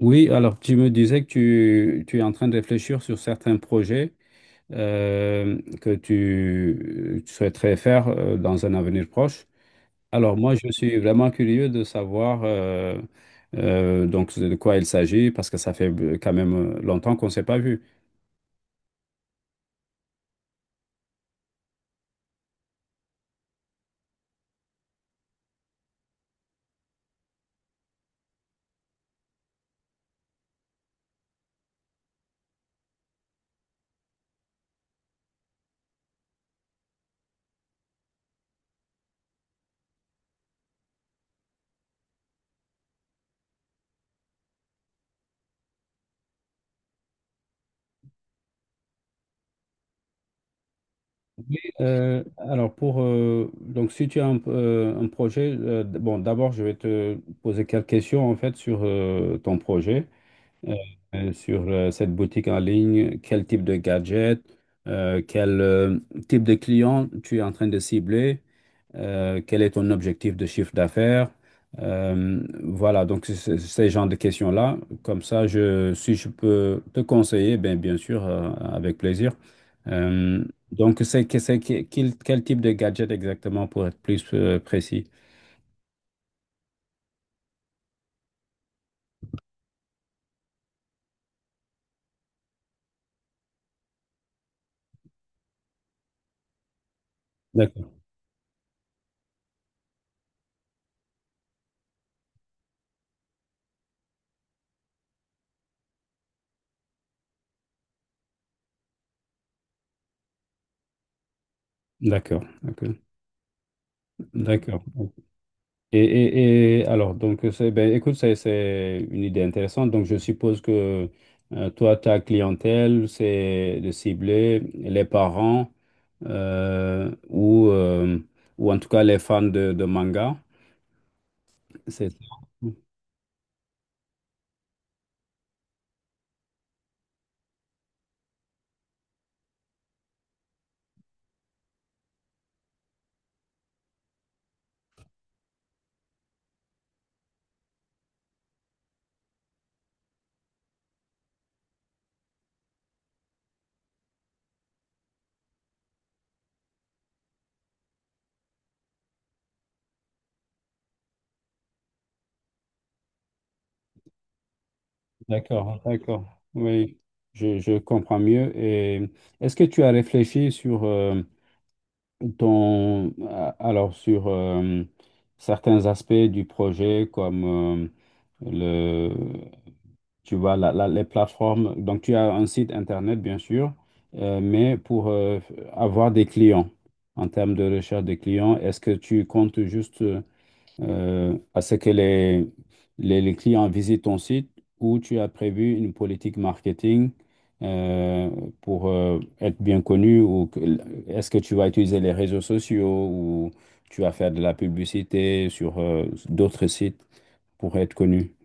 Oui, alors tu me disais que tu es en train de réfléchir sur certains projets que tu souhaiterais faire dans un avenir proche. Alors moi, je suis vraiment curieux de savoir donc de quoi il s'agit parce que ça fait quand même longtemps qu'on ne s'est pas vu. Alors pour donc si tu as un projet, d'abord je vais te poser quelques questions en fait sur ton projet. euh, Sur cette boutique en ligne, quel type de gadget, quel type de client tu es en train de cibler, quel est ton objectif de chiffre d'affaires. Voilà, donc ces genres de questions-là, comme ça, je, si je peux te conseiller, ben, bien sûr, avec plaisir. Euh, donc, quel type de gadget exactement pour être plus précis? D'accord, d'accord, d'accord. D'accord. Et alors, donc, c'est, ben, écoute, c'est une idée intéressante. Donc, je suppose que toi, ta clientèle, c'est de cibler les parents euh, ou, euh, ou en tout cas les fans de manga. C'est ça. D'accord, d'accord. Oui, je comprends mieux. Et est-ce que tu as réfléchi sur alors, sur certains aspects du projet comme euh, tu vois, les plateformes, donc tu as un site internet, bien sûr, mais pour avoir des clients, en termes de recherche de clients, est-ce que tu comptes juste à ce que les clients visitent ton site ou tu as prévu une politique marketing euh, pour être bien connu ou est-ce que tu vas utiliser les réseaux sociaux ou tu vas faire de la publicité sur d'autres sites pour être connu?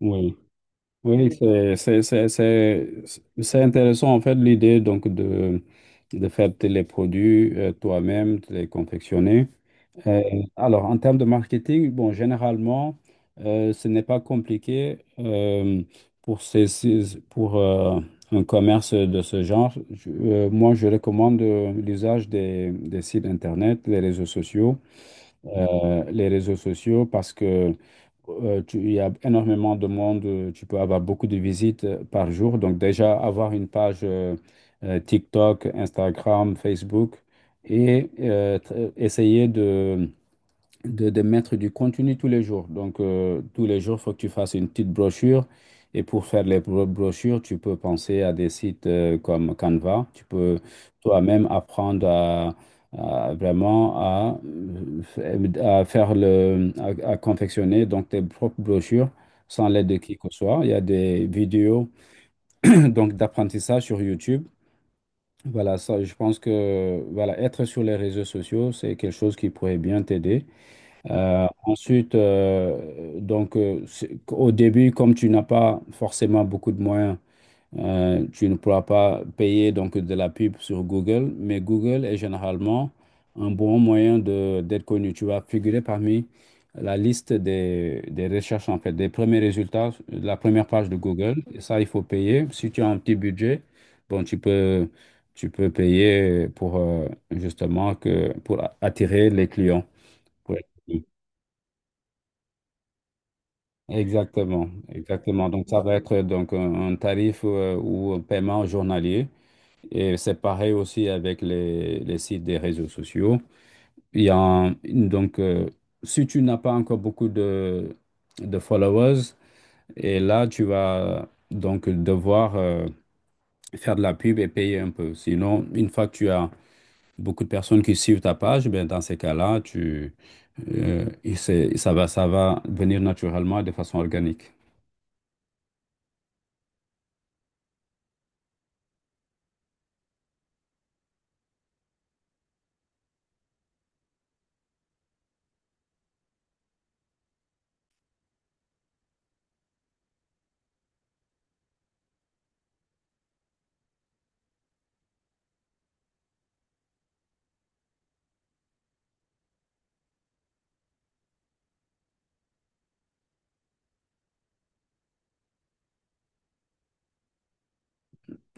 Oui. Oui, c'est intéressant en fait l'idée donc de faire les produits toi-même, de les confectionner. Euh, alors en termes de marketing, bon, généralement, ce n'est pas compliqué pour, pour un commerce de ce genre. Moi, je recommande l'usage des sites internet, les réseaux sociaux parce que il y a énormément de monde, tu peux avoir beaucoup de visites par jour. Donc déjà, avoir une page TikTok, Instagram, Facebook et essayer de de mettre du contenu tous les jours. Donc, tous les jours, il faut que tu fasses une petite brochure. Et pour faire les brochures, tu peux penser à des sites comme Canva. Tu peux toi-même apprendre à vraiment à, à faire à confectionner donc tes propres brochures sans l'aide de qui que ce soit. Il y a des vidéos donc d'apprentissage sur YouTube. Voilà, ça, je pense que voilà, être sur les réseaux sociaux, c'est quelque chose qui pourrait bien t'aider. Ensuite, au début, comme tu n'as pas forcément beaucoup de moyens, tu ne pourras pas payer donc de la pub sur Google, mais Google est généralement un bon moyen de d'être connu. Tu vas figurer parmi la liste des recherches, en fait, des premiers résultats, de la première page de Google. Et ça, il faut payer. Si tu as un petit budget, bon, tu peux payer pour pour attirer les clients. Pour Exactement, exactement. Donc ça va être donc un tarif ou un paiement journalier. Et c'est pareil aussi avec les sites des réseaux sociaux. Il y a un- donc Si tu n'as pas encore beaucoup de followers, et là tu vas donc devoir faire de la pub et payer un peu. Sinon, une fois que tu as beaucoup de personnes qui suivent ta page, ben dans ces cas-là, ça va venir naturellement de façon organique.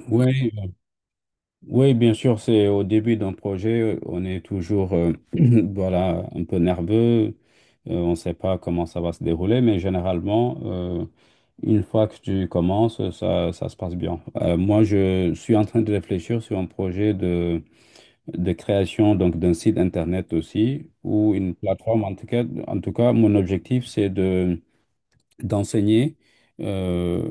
Oui. Oui, bien sûr, c'est au début d'un projet, on est toujours voilà, un peu nerveux, on ne sait pas comment ça va se dérouler, mais généralement, une fois que tu commences, ça se passe bien. Moi, je suis en train de réfléchir sur un projet de création donc d'un site internet aussi, ou une plateforme. En tout cas, mon objectif, c'est d'enseigner euh,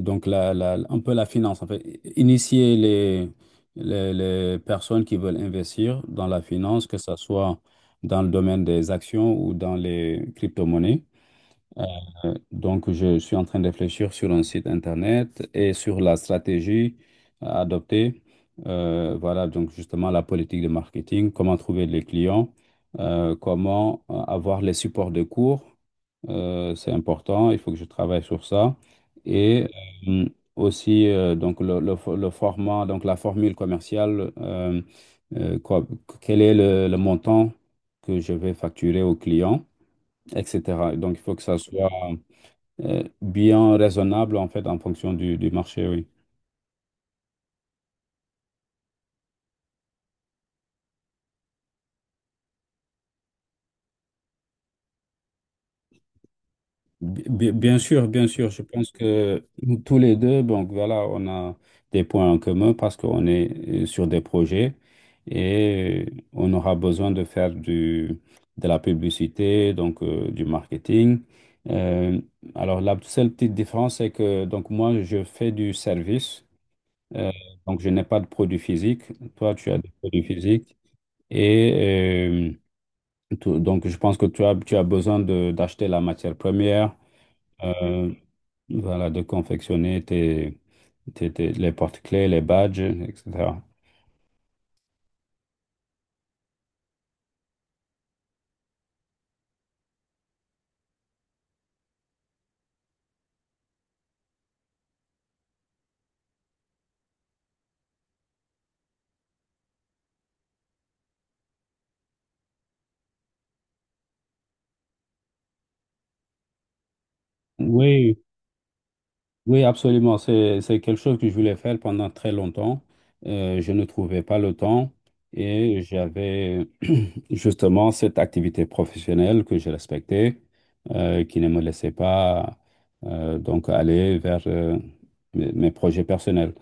donc un peu la finance, en fait, initier les personnes qui veulent investir dans la finance, que ce soit dans le domaine des actions ou dans les crypto-monnaies. Donc, je suis en train de réfléchir sur un site internet et sur la stratégie à adopter. Voilà, donc justement la politique de marketing, comment trouver les clients, comment avoir les supports de cours. C'est important, il faut que je travaille sur ça. Et euh, aussi, le format, donc la formule commerciale, euh, quoi- quel est le montant que je vais facturer au client etc. Donc, il faut que ça soit bien raisonnable en fait en fonction du marché, oui. Bien sûr, bien sûr, je pense que nous tous les deux, donc voilà, on a des points en commun parce qu'on est sur des projets et on aura besoin de faire de la publicité, donc du marketing. Euh, alors la seule petite différence, c'est que donc moi, je fais du service, euh, donc je n'ai pas de produit physique. Toi, tu as des produits physiques. Et donc, je pense que tu as besoin d'acheter la matière première, euh, voilà, de confectionner les porte-clés, les badges, etc. Oui, oui, absolument. C'est quelque chose que je voulais faire pendant très longtemps. Je ne trouvais pas le temps et j'avais justement cette activité professionnelle que je respectais, qui ne me laissait pas aller vers mes projets personnels.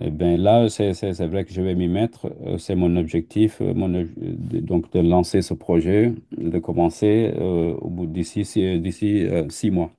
Eh bien là, c'est vrai que je vais m'y mettre. C'est mon objectif, donc de lancer ce projet, de commencer au bout d'ici six mois.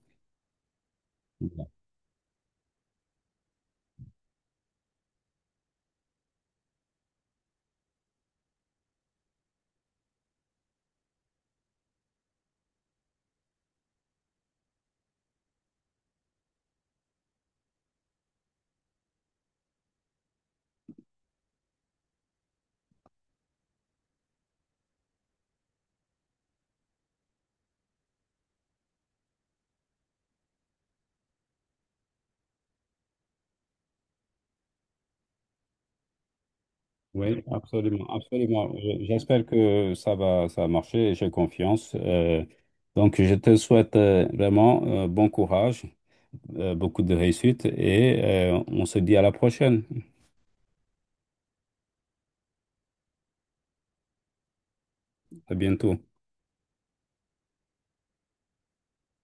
Oui, absolument, absolument. J'espère que ça va marcher et j'ai confiance. Donc, je te souhaite vraiment bon courage beaucoup de réussite et on se dit à la prochaine. À bientôt.